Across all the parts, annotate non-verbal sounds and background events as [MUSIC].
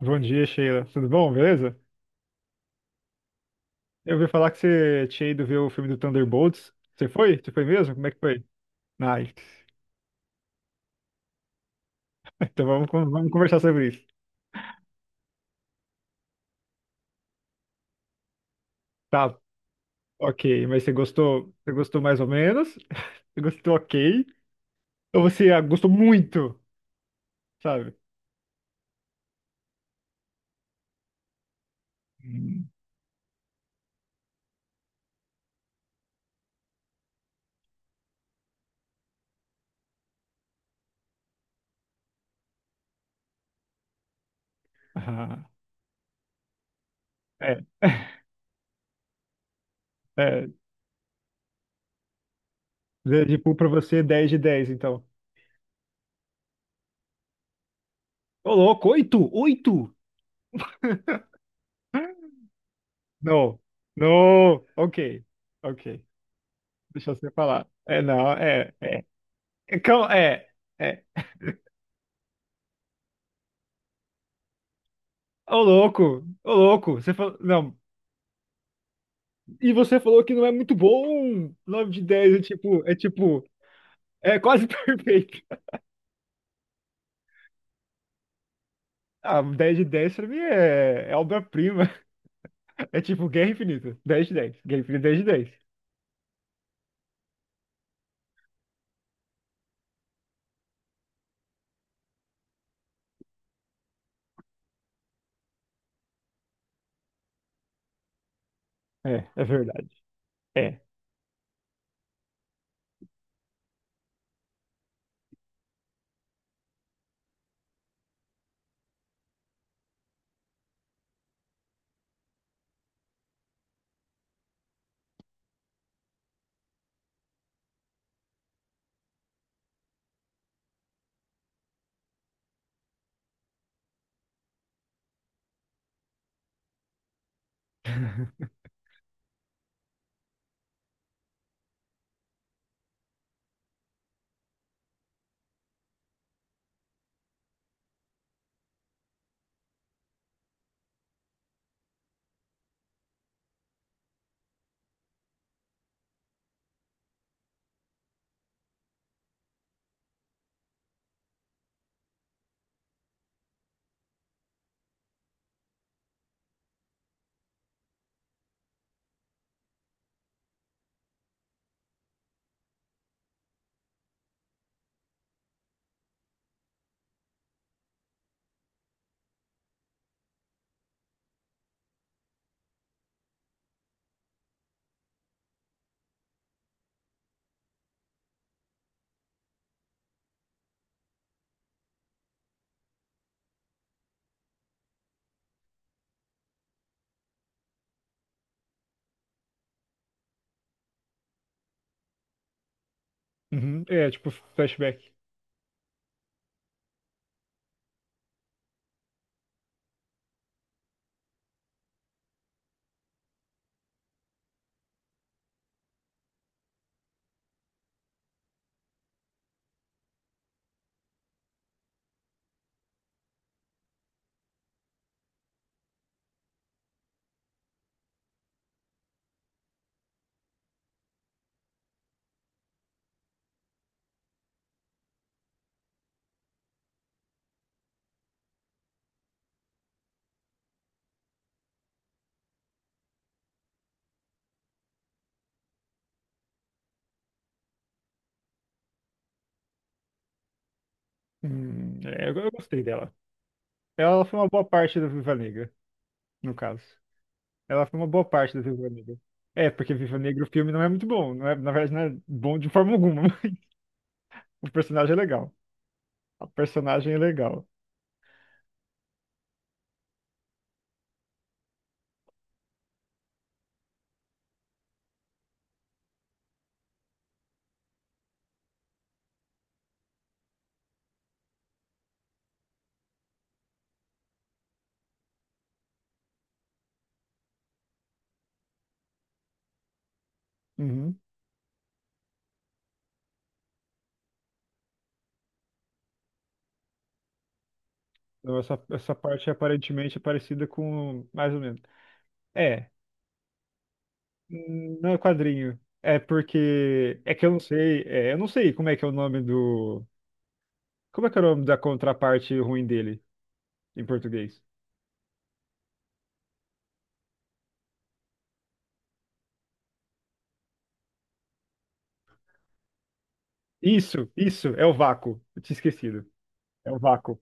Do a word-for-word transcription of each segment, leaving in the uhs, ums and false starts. Bom dia, Sheila. Tudo bom? Beleza? Eu ouvi falar que você tinha ido ver o filme do Thunderbolts. Você foi? Você foi mesmo? Como é que foi? Ah, [LAUGHS] então vamos, con- vamos conversar sobre isso. Tá, ok. Mas você gostou? Você gostou mais ou menos? [LAUGHS] Você gostou ok? Ou você ah, gostou muito? Sabe? Hum. Ah, é, [LAUGHS] é. Deadpool pra você, dez de dez. Então. Ô, louco, oito. 8? Não. Não. Ok. Ok. Deixa você falar. É, não, é. é Cal- É, é. Ô louco, ô louco, você falou. Não. E você falou que não é muito bom. Nove de dez é tipo, é tipo, é quase [LAUGHS] perfeito. Ah, dez de dez pra mim é, é obra-prima. [LAUGHS] É tipo Guerra Infinita. Dez de dez, Guerra Infinita dez de dez. É, é verdade. É. [LAUGHS] Uhum, é, tipo, flashback. Hum, é, eu, eu gostei dela. Ela foi uma boa parte da Viva Negra, no caso. Ela foi uma boa parte da Viva Negra. É, porque Viva Negra o filme não é muito bom. Não é, na verdade, não é bom de forma alguma. O personagem é legal. A personagem é legal. Uhum. Então, essa, essa parte aparentemente é parecida com. Mais ou menos. É. hum, Não é quadrinho. É porque. É que eu não sei. É, eu não sei como é que é o nome do. Como é que é o nome da contraparte ruim dele em português? Isso, isso, é o vácuo. Eu tinha esquecido. É o vácuo.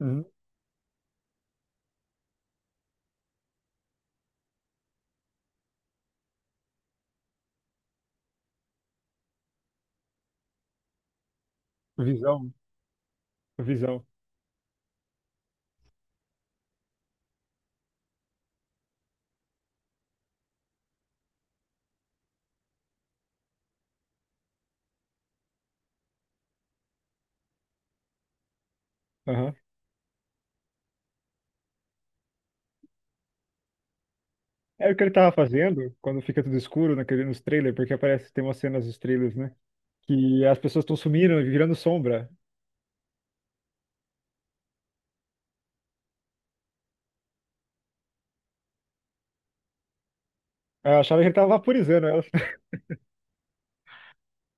Uhum. Visão. Visão. Aham. É o que ele tava fazendo quando fica tudo escuro naquele, nos trailers, porque aparece, tem umas cenas dos trailers, né? Que as pessoas estão sumindo e virando sombra. Eu achava que ele tava vaporizando elas. [LAUGHS]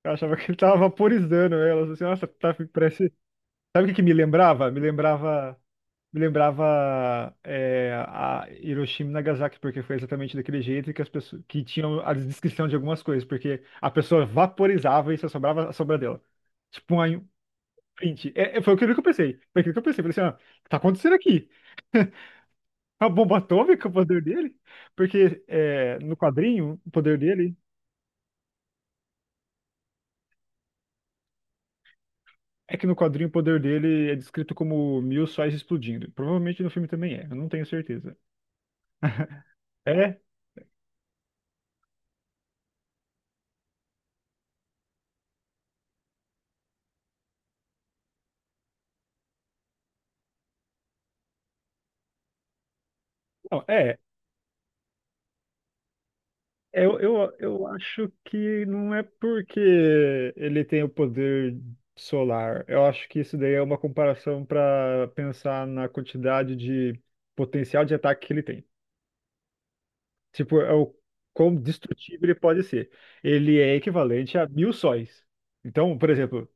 Eu achava que ele tava vaporizando elas. Assim, nossa, tá, parece. Sabe o que que me lembrava? Me lembrava. Me lembrava é, a Hiroshima e Nagasaki, porque foi exatamente daquele jeito que as pessoas que tinham a descrição de algumas coisas, porque a pessoa vaporizava e só sobrava a sobra dela. Tipo, um print. É, é, foi aquilo que eu pensei. Foi aquilo que eu pensei. Falei assim, ó, o que tá acontecendo aqui? A bomba atômica, o poder dele? Porque é, no quadrinho, o poder dele. É que no quadrinho o poder dele é descrito como mil sóis explodindo. Provavelmente no filme também é, eu não tenho certeza. É? Não, é. Eu, eu, eu acho que não é porque ele tem o poder solar. Eu acho que isso daí é uma comparação para pensar na quantidade de potencial de ataque que ele tem. Tipo, é o quão destrutível ele pode ser. Ele é equivalente a mil sóis. Então, por exemplo,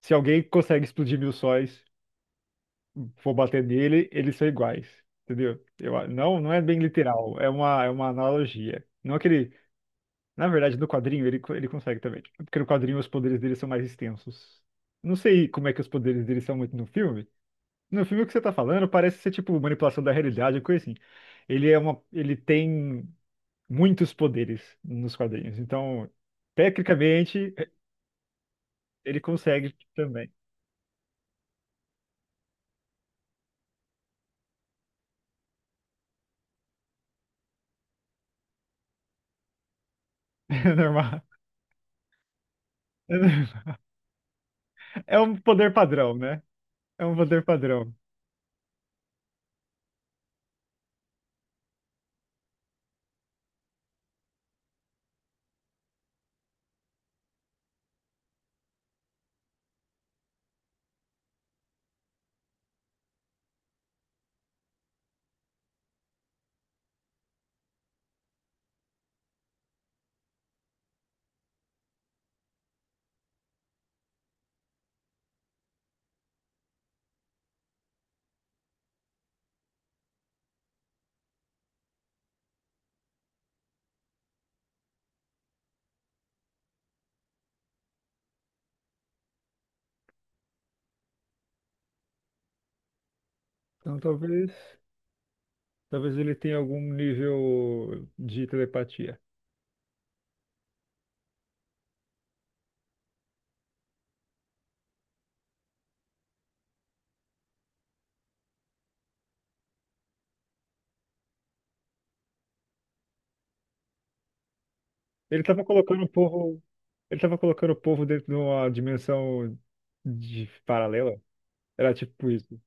se alguém consegue explodir mil sóis, for bater nele, eles são iguais, entendeu? Eu, a- não, não é bem literal, é uma, é uma analogia. Não é que ele, na verdade, no quadrinho ele, co- ele consegue também, porque no quadrinho os poderes dele são mais extensos. Não sei como é que os poderes dele são muito no filme. No filme que você tá falando parece ser tipo manipulação da realidade, coisa assim. Ele é uma, ele tem muitos poderes nos quadrinhos, então tecnicamente ele consegue também. [LAUGHS] É normal. É normal. É um poder padrão, né? É um poder padrão. Então talvez, talvez ele tenha algum nível de telepatia. Ele estava colocando o povo, ele estava colocando o povo dentro de uma dimensão de paralela. Era tipo isso.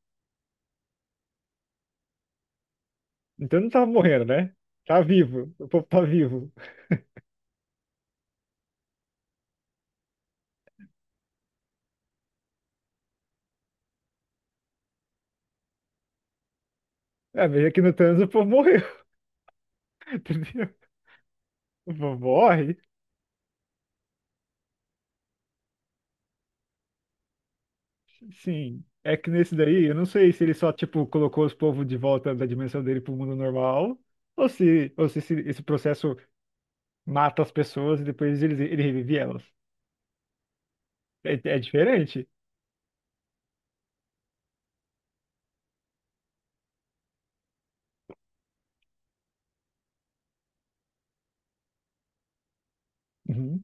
Então não tava morrendo, né? Tá vivo. O povo tá vivo. É, mas aqui no Thanos o povo morreu, [LAUGHS] entendeu? O povo morre? Sim. É que nesse daí, eu não sei se ele só, tipo, colocou os povos de volta da dimensão dele pro mundo normal, ou se, ou se esse, esse processo mata as pessoas e depois ele, ele revive elas. É, é diferente. Uhum.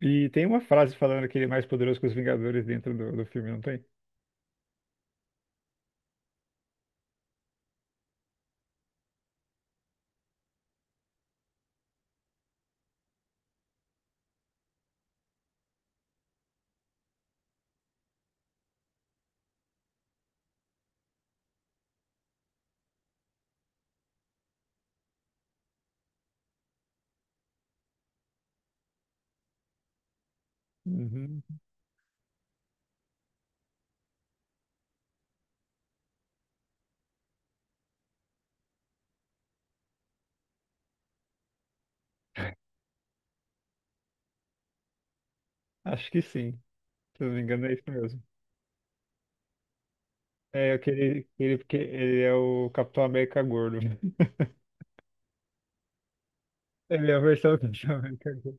E tem uma frase falando que ele é mais poderoso que os Vingadores dentro do, do filme, não tem? Uhum. Acho que sim. Se eu não me engano, é isso mesmo. É aquele, ele, porque ele é o Capitão América gordo. [LAUGHS] Ele é a versão do Capitão América gordo.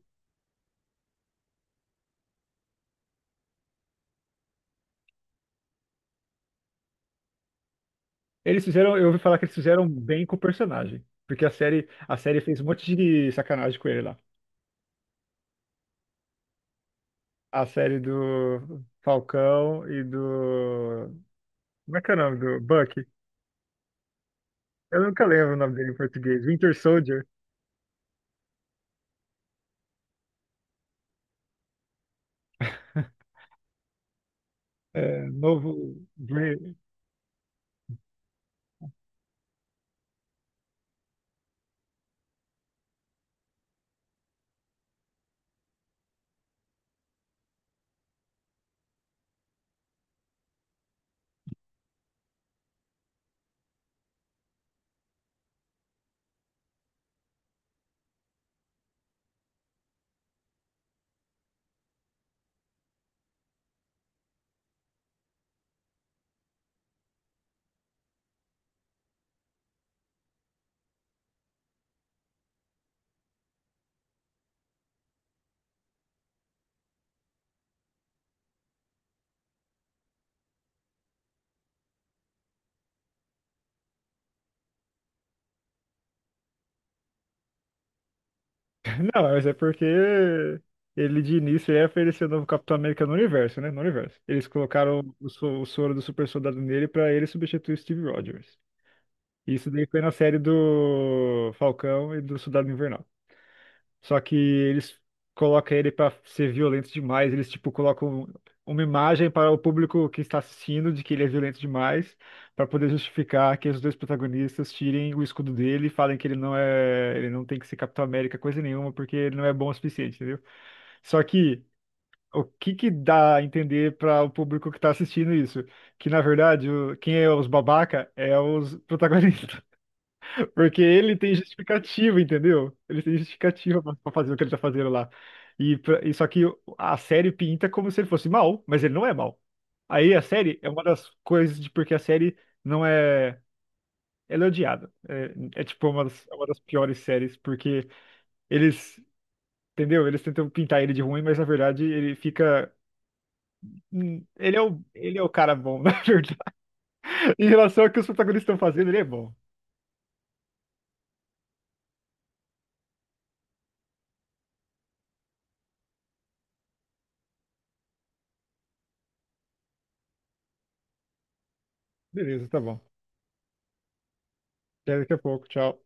Eles fizeram, eu ouvi falar que eles fizeram bem com o personagem. Porque a série, a série fez um monte de sacanagem com ele lá. A série do Falcão e do. Como é que é o nome do Bucky? Eu nunca lembro o nome dele em português. Winter Soldier. É, novo. Bra- Não, mas é porque ele de início ia oferecer o novo Capitão América no universo, né? No universo. Eles colocaram o, so- o soro do super soldado nele pra ele substituir o Steve Rogers. Isso daí foi na série do Falcão e do Soldado Invernal. Só que eles colocam ele pra ser violento demais. Eles, tipo, colocam uma imagem para o público que está assistindo de que ele é violento demais, pra poder justificar que os dois protagonistas tirem o escudo dele e falem que ele não é, ele não tem que ser Capitão América, coisa nenhuma, porque ele não é bom o suficiente, entendeu? Só que o que que dá a entender para o público que está assistindo isso? Que na verdade, o- quem é os babaca é os [LAUGHS] protagonistas. Porque ele tem justificativa, entendeu? Ele tem justificativa pra pra fazer o que ele tá fazendo lá. E, pra- e só que a série pinta como se ele fosse mal, mas ele não é mal. Aí a série é uma das coisas de porque a série não é. Ela é odiada. É, é tipo uma das, é uma das piores séries, porque eles. Entendeu? Eles tentam pintar ele de ruim, mas na verdade ele fica. hum, Ele é o, ele é o cara bom, [LAUGHS] na verdade. Em relação ao que os protagonistas estão fazendo, ele é bom. Beleza, tá bom. Até daqui a pouco, tchau.